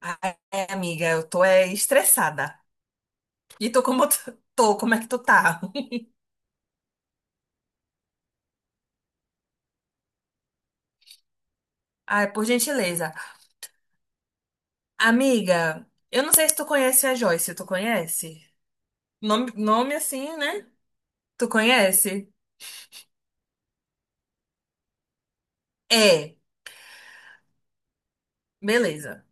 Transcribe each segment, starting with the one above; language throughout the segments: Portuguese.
Ai, amiga, eu tô estressada. E tô tô, como é que tu tá? Ai, por gentileza. Amiga, eu não sei se tu conhece a Joyce, tu conhece? Nome assim, né? Tu conhece? É, beleza.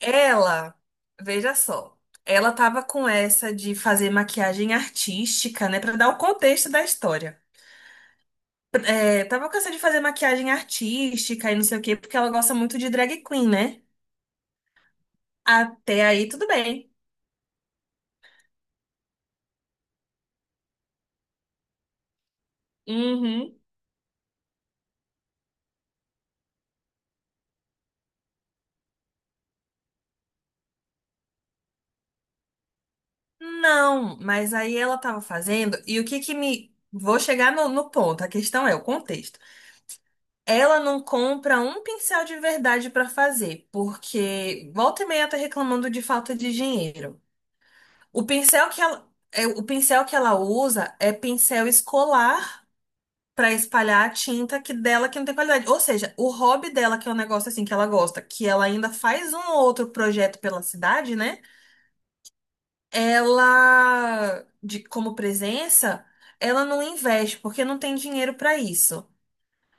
Ela, veja só, ela tava com essa de fazer maquiagem artística, né? Pra dar o contexto da história. É, tava com essa de fazer maquiagem artística e não sei o quê, porque ela gosta muito de drag queen, né? Até aí, tudo bem. Uhum. Não, mas aí ela tava fazendo, e o que que me. Vou chegar no ponto, a questão é o contexto. Ela não compra um pincel de verdade pra fazer, porque volta e meia tá reclamando de falta de dinheiro. O pincel que o pincel que ela usa é pincel escolar pra espalhar a tinta que dela que não tem qualidade. Ou seja, o hobby dela, que é um negócio assim que ela gosta, que ela ainda faz um ou outro projeto pela cidade, né? Ela, de como presença, ela não investe porque não tem dinheiro para isso.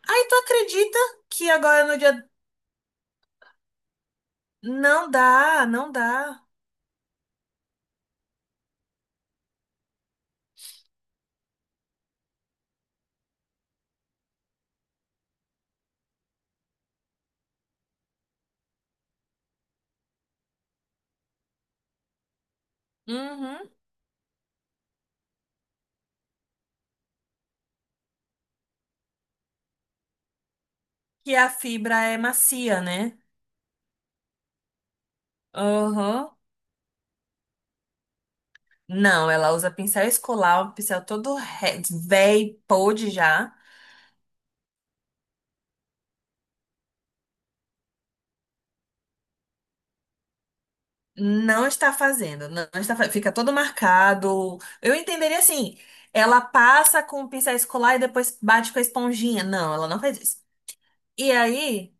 Aí tu acredita que agora no dia não dá, não dá. Uhum. Que a fibra é macia, né? Uhum. Não, ela usa pincel escolar, um pincel velho, podre já. Não está fazendo, não está, fa- fica todo marcado. Eu entenderia assim, ela passa com o pincel escolar e depois bate com a esponjinha. Não, ela não faz isso. E aí?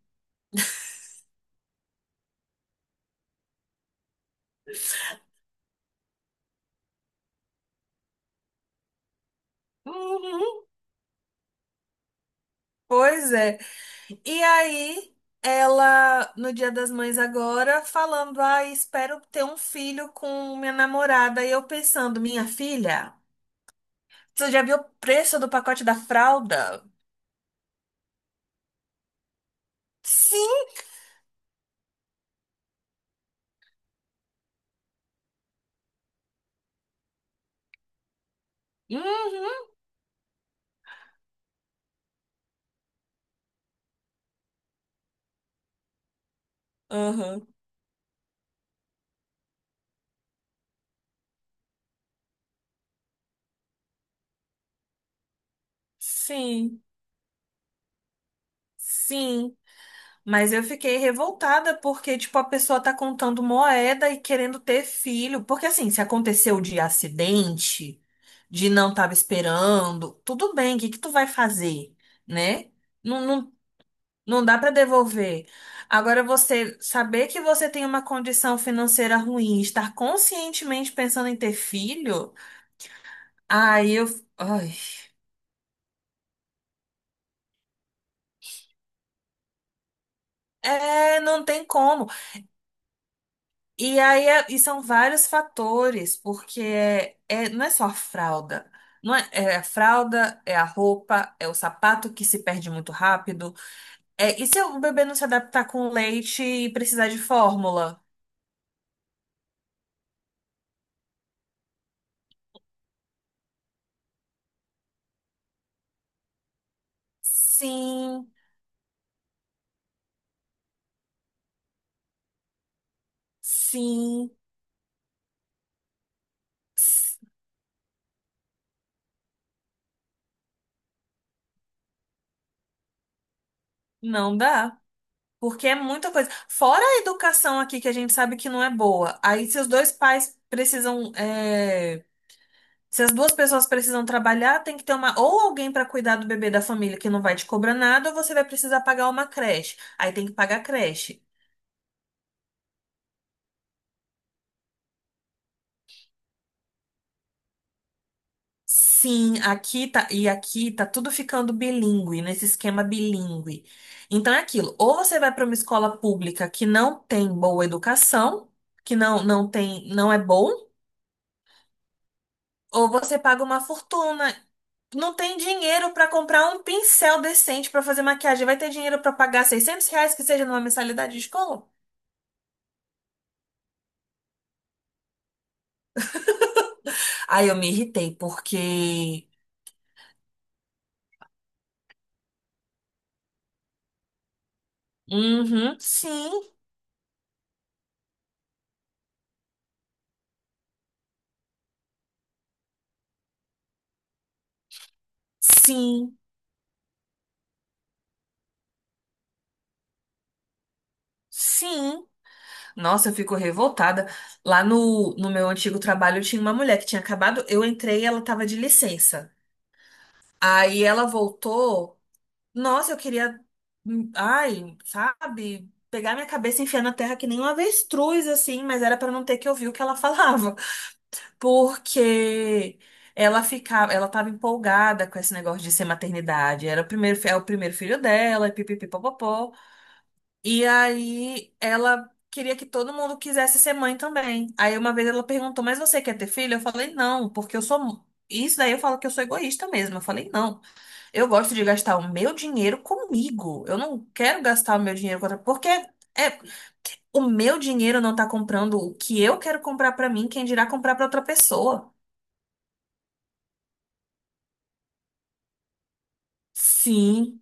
Uhum, pois é. E aí, ela, no Dia das Mães agora, falando, ah, espero ter um filho com minha namorada. E eu pensando, minha filha, você já viu o preço do pacote da fralda? Sim. Uhum. Uhum. Sim. Sim. Mas eu fiquei revoltada porque, tipo, a pessoa tá contando moeda e querendo ter filho. Porque, assim, se aconteceu de acidente, de não tava esperando, tudo bem, o que que tu vai fazer, né? Não, não, não dá pra devolver. Agora, você saber que você tem uma condição financeira ruim, estar conscientemente pensando em ter filho, aí eu. Ai. É, não tem como. E aí e são vários fatores, porque não é só a fralda. Não é, é a fralda, é a roupa, é o sapato que se perde muito rápido. É, e se o bebê não se adaptar com leite e precisar de fórmula? Sim, sim, sim. Não dá. Porque é muita coisa. Fora a educação aqui, que a gente sabe que não é boa. Aí, se os dois pais precisam. É, se as duas pessoas precisam trabalhar, tem que ter uma ou alguém para cuidar do bebê da família que não vai te cobrar nada, ou você vai precisar pagar uma creche. Aí tem que pagar a creche. Sim, aqui tá e aqui tá tudo ficando bilíngue, nesse esquema bilíngue. Então é aquilo, ou você vai para uma escola pública que não tem boa educação, que não tem, não é bom, ou você paga uma fortuna. Não tem dinheiro para comprar um pincel decente para fazer maquiagem. Vai ter dinheiro para pagar 600 reais que seja numa mensalidade de escola? Aí eu me irritei, porque. Uhum, sim, sim, sim. Nossa, eu fico revoltada. Lá no meu antigo trabalho tinha uma mulher que tinha acabado. Eu entrei e ela tava de licença. Aí ela voltou. Nossa, eu queria. Ai, sabe? Pegar minha cabeça e enfiar na terra que nem um avestruz, assim, mas era pra não ter que ouvir o que ela falava. Porque ela ficava, ela estava empolgada com esse negócio de ser maternidade. Era o é o primeiro filho dela, e pipipipopopó. E aí ela queria que todo mundo quisesse ser mãe também. Aí uma vez ela perguntou: "Mas você quer ter filho?" Eu falei: "Não, porque eu sou Isso daí eu falo que eu sou egoísta mesmo. Eu falei, não, eu gosto de gastar o meu dinheiro comigo. Eu não quero gastar o meu dinheiro com outra. Porque é, o meu dinheiro não tá comprando o que eu quero comprar pra mim, quem dirá comprar pra outra pessoa. Sim,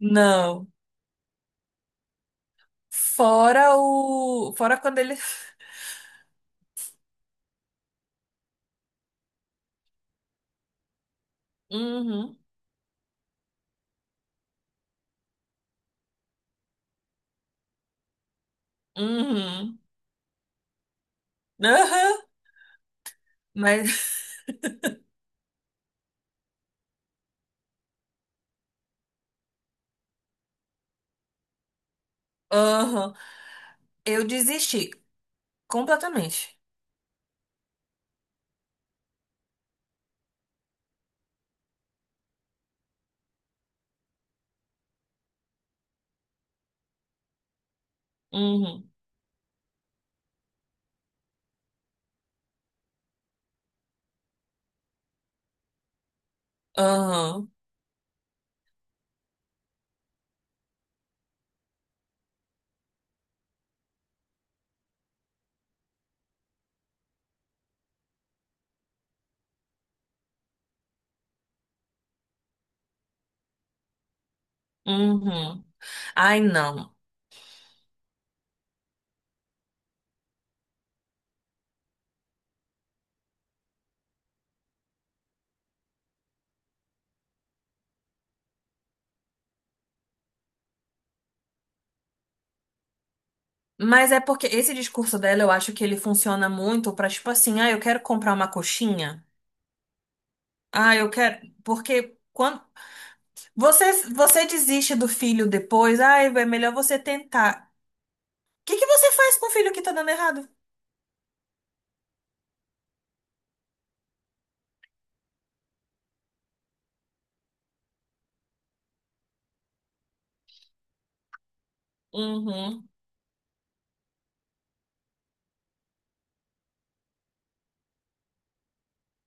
não. Fora o. Fora quando ele. Uhum, uhum, aham, mas. Aham. Eu desisti completamente. Uhum, aham, uhum. Ai, não. Mas é porque esse discurso dela, eu acho que ele funciona muito pra, tipo assim, ah, eu quero comprar uma coxinha. Ah, eu quero. Porque quando. Você, você desiste do filho depois, ah, é melhor você tentar. Que você faz com o filho que tá dando errado? Uhum,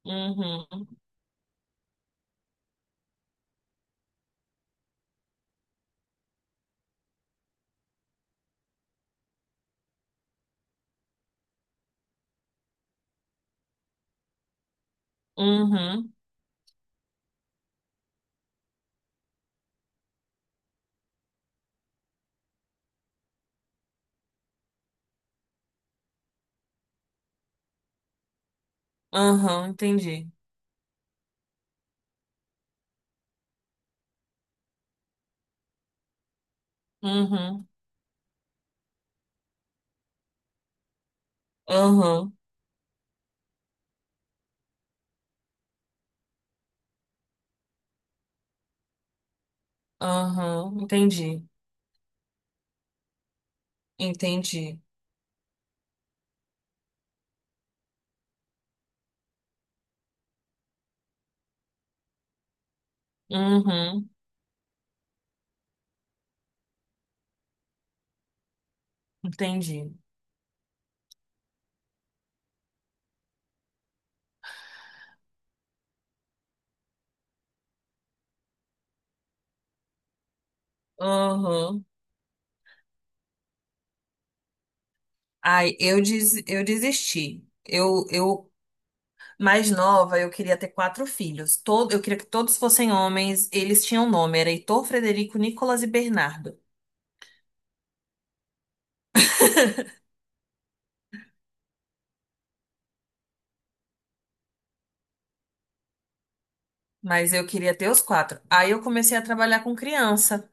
uhum, uhum, uhum, entendi. Uhum, uhum, uhum, entendi, entendi. Uhum, entendi. Uhum. Eu desisti. Mais nova, eu queria ter quatro filhos. Todo, eu queria que todos fossem homens. Eles tinham nome, era Heitor, Frederico, Nicolas e Bernardo. Mas eu queria ter os quatro. Aí eu comecei a trabalhar com criança.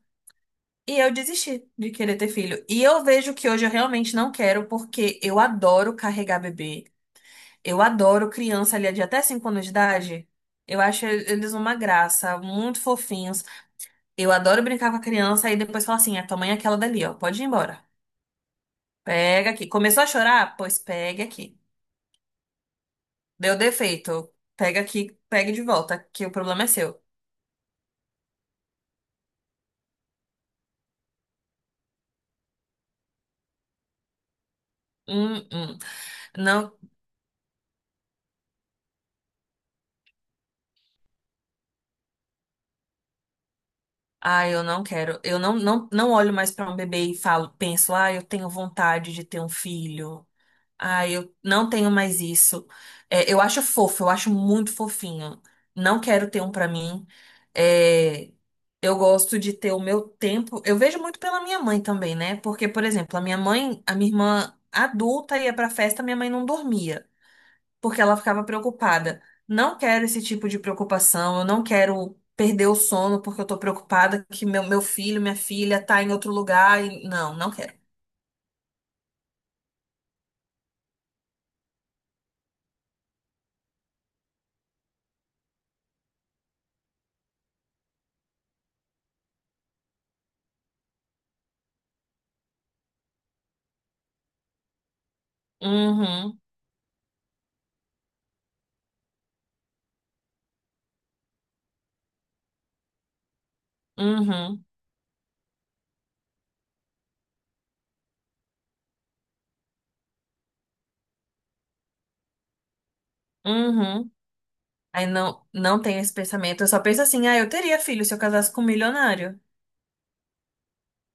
E eu desisti de querer ter filho. E eu vejo que hoje eu realmente não quero, porque eu adoro carregar bebê. Eu adoro criança ali de até 5 anos de idade. Eu acho eles uma graça, muito fofinhos. Eu adoro brincar com a criança e depois falar assim: a tua mãe é aquela dali, ó, pode ir embora. Pega aqui. Começou a chorar? Pois pegue aqui. Deu defeito? Pega aqui, pegue de volta, que o problema é seu. Hum, hum. Não. Ah, eu não quero. Eu não, não, não olho mais para um bebê e falo, penso, ah, eu tenho vontade de ter um filho. Ah, eu não tenho mais isso. É, eu acho fofo, eu acho muito fofinho. Não quero ter um para mim. É, eu gosto de ter o meu tempo. Eu vejo muito pela minha mãe também, né? Porque, por exemplo, a minha mãe, a minha irmã adulta ia pra festa, minha mãe não dormia porque ela ficava preocupada. Não quero esse tipo de preocupação, eu não quero perder o sono porque eu tô preocupada que meu filho, minha filha tá em outro lugar. Não, não quero. Uhum, uhum, uhum. Aí não, não tenho esse pensamento. Eu só penso assim, ah, eu teria filho se eu casasse com um milionário.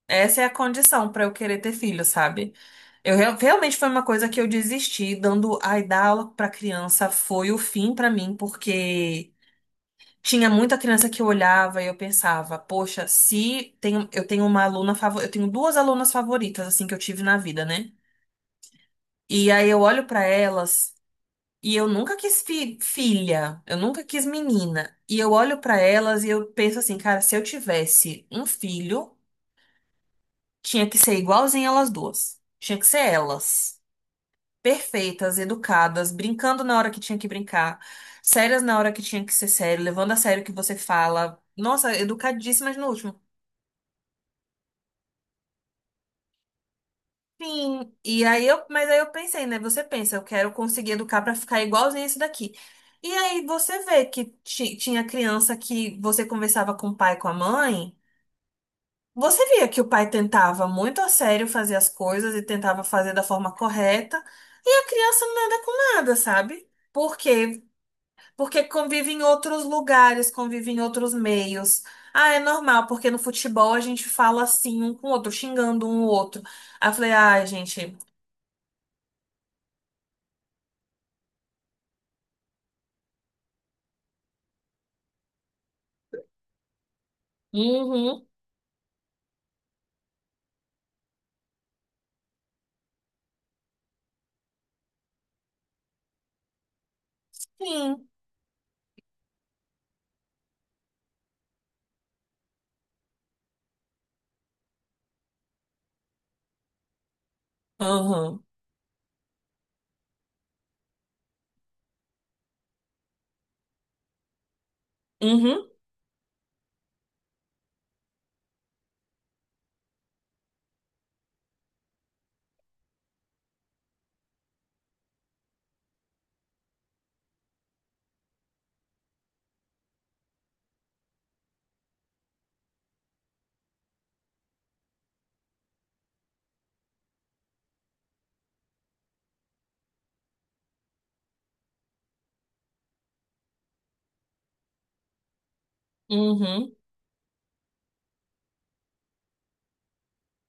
Essa é a condição pra eu querer ter filho, sabe? Eu realmente foi uma coisa que eu desisti, dando ai dar aula pra criança foi o fim pra mim, porque tinha muita criança que eu olhava e eu pensava, poxa, se tenho, eu tenho uma aluna favorita, eu tenho duas alunas favoritas assim que eu tive na vida, né? E aí eu olho pra elas e eu nunca quis filha, eu nunca quis menina. E eu olho pra elas e eu penso assim, cara, se eu tivesse um filho, tinha que ser igualzinho elas duas. Tinha que ser elas, perfeitas, educadas, brincando na hora que tinha que brincar, sérias na hora que tinha que ser sério, levando a sério o que você fala. Nossa, educadíssimas no último. Sim, e aí eu, mas aí eu pensei, né? Você pensa, eu quero conseguir educar pra ficar igualzinho isso daqui. E aí você vê que tinha criança que você conversava com o pai, e com a mãe, você via que o pai tentava muito a sério fazer as coisas e tentava fazer da forma correta, e a criança nada com nada, sabe? Por quê? Porque convive em outros lugares, convive em outros meios. Ah, é normal, porque no futebol a gente fala assim um com o outro, xingando um o outro. Aí eu falei, ah gente. Uhum, sim. Aham. Uhum, uhum,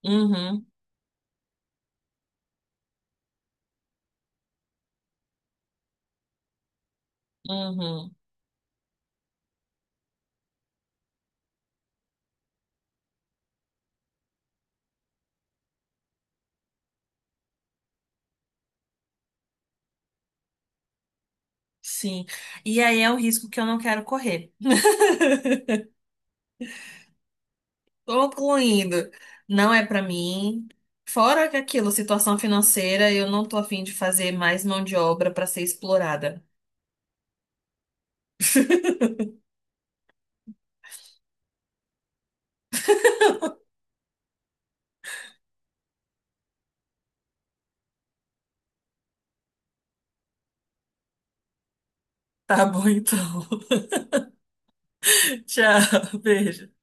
uhum, uhum. Sim. E aí é o risco que eu não quero correr. Concluindo, não é pra mim. Fora que aquilo, situação financeira, eu não tô afim de fazer mais mão de obra pra ser explorada. Tá bom, então. Tchau, beijo.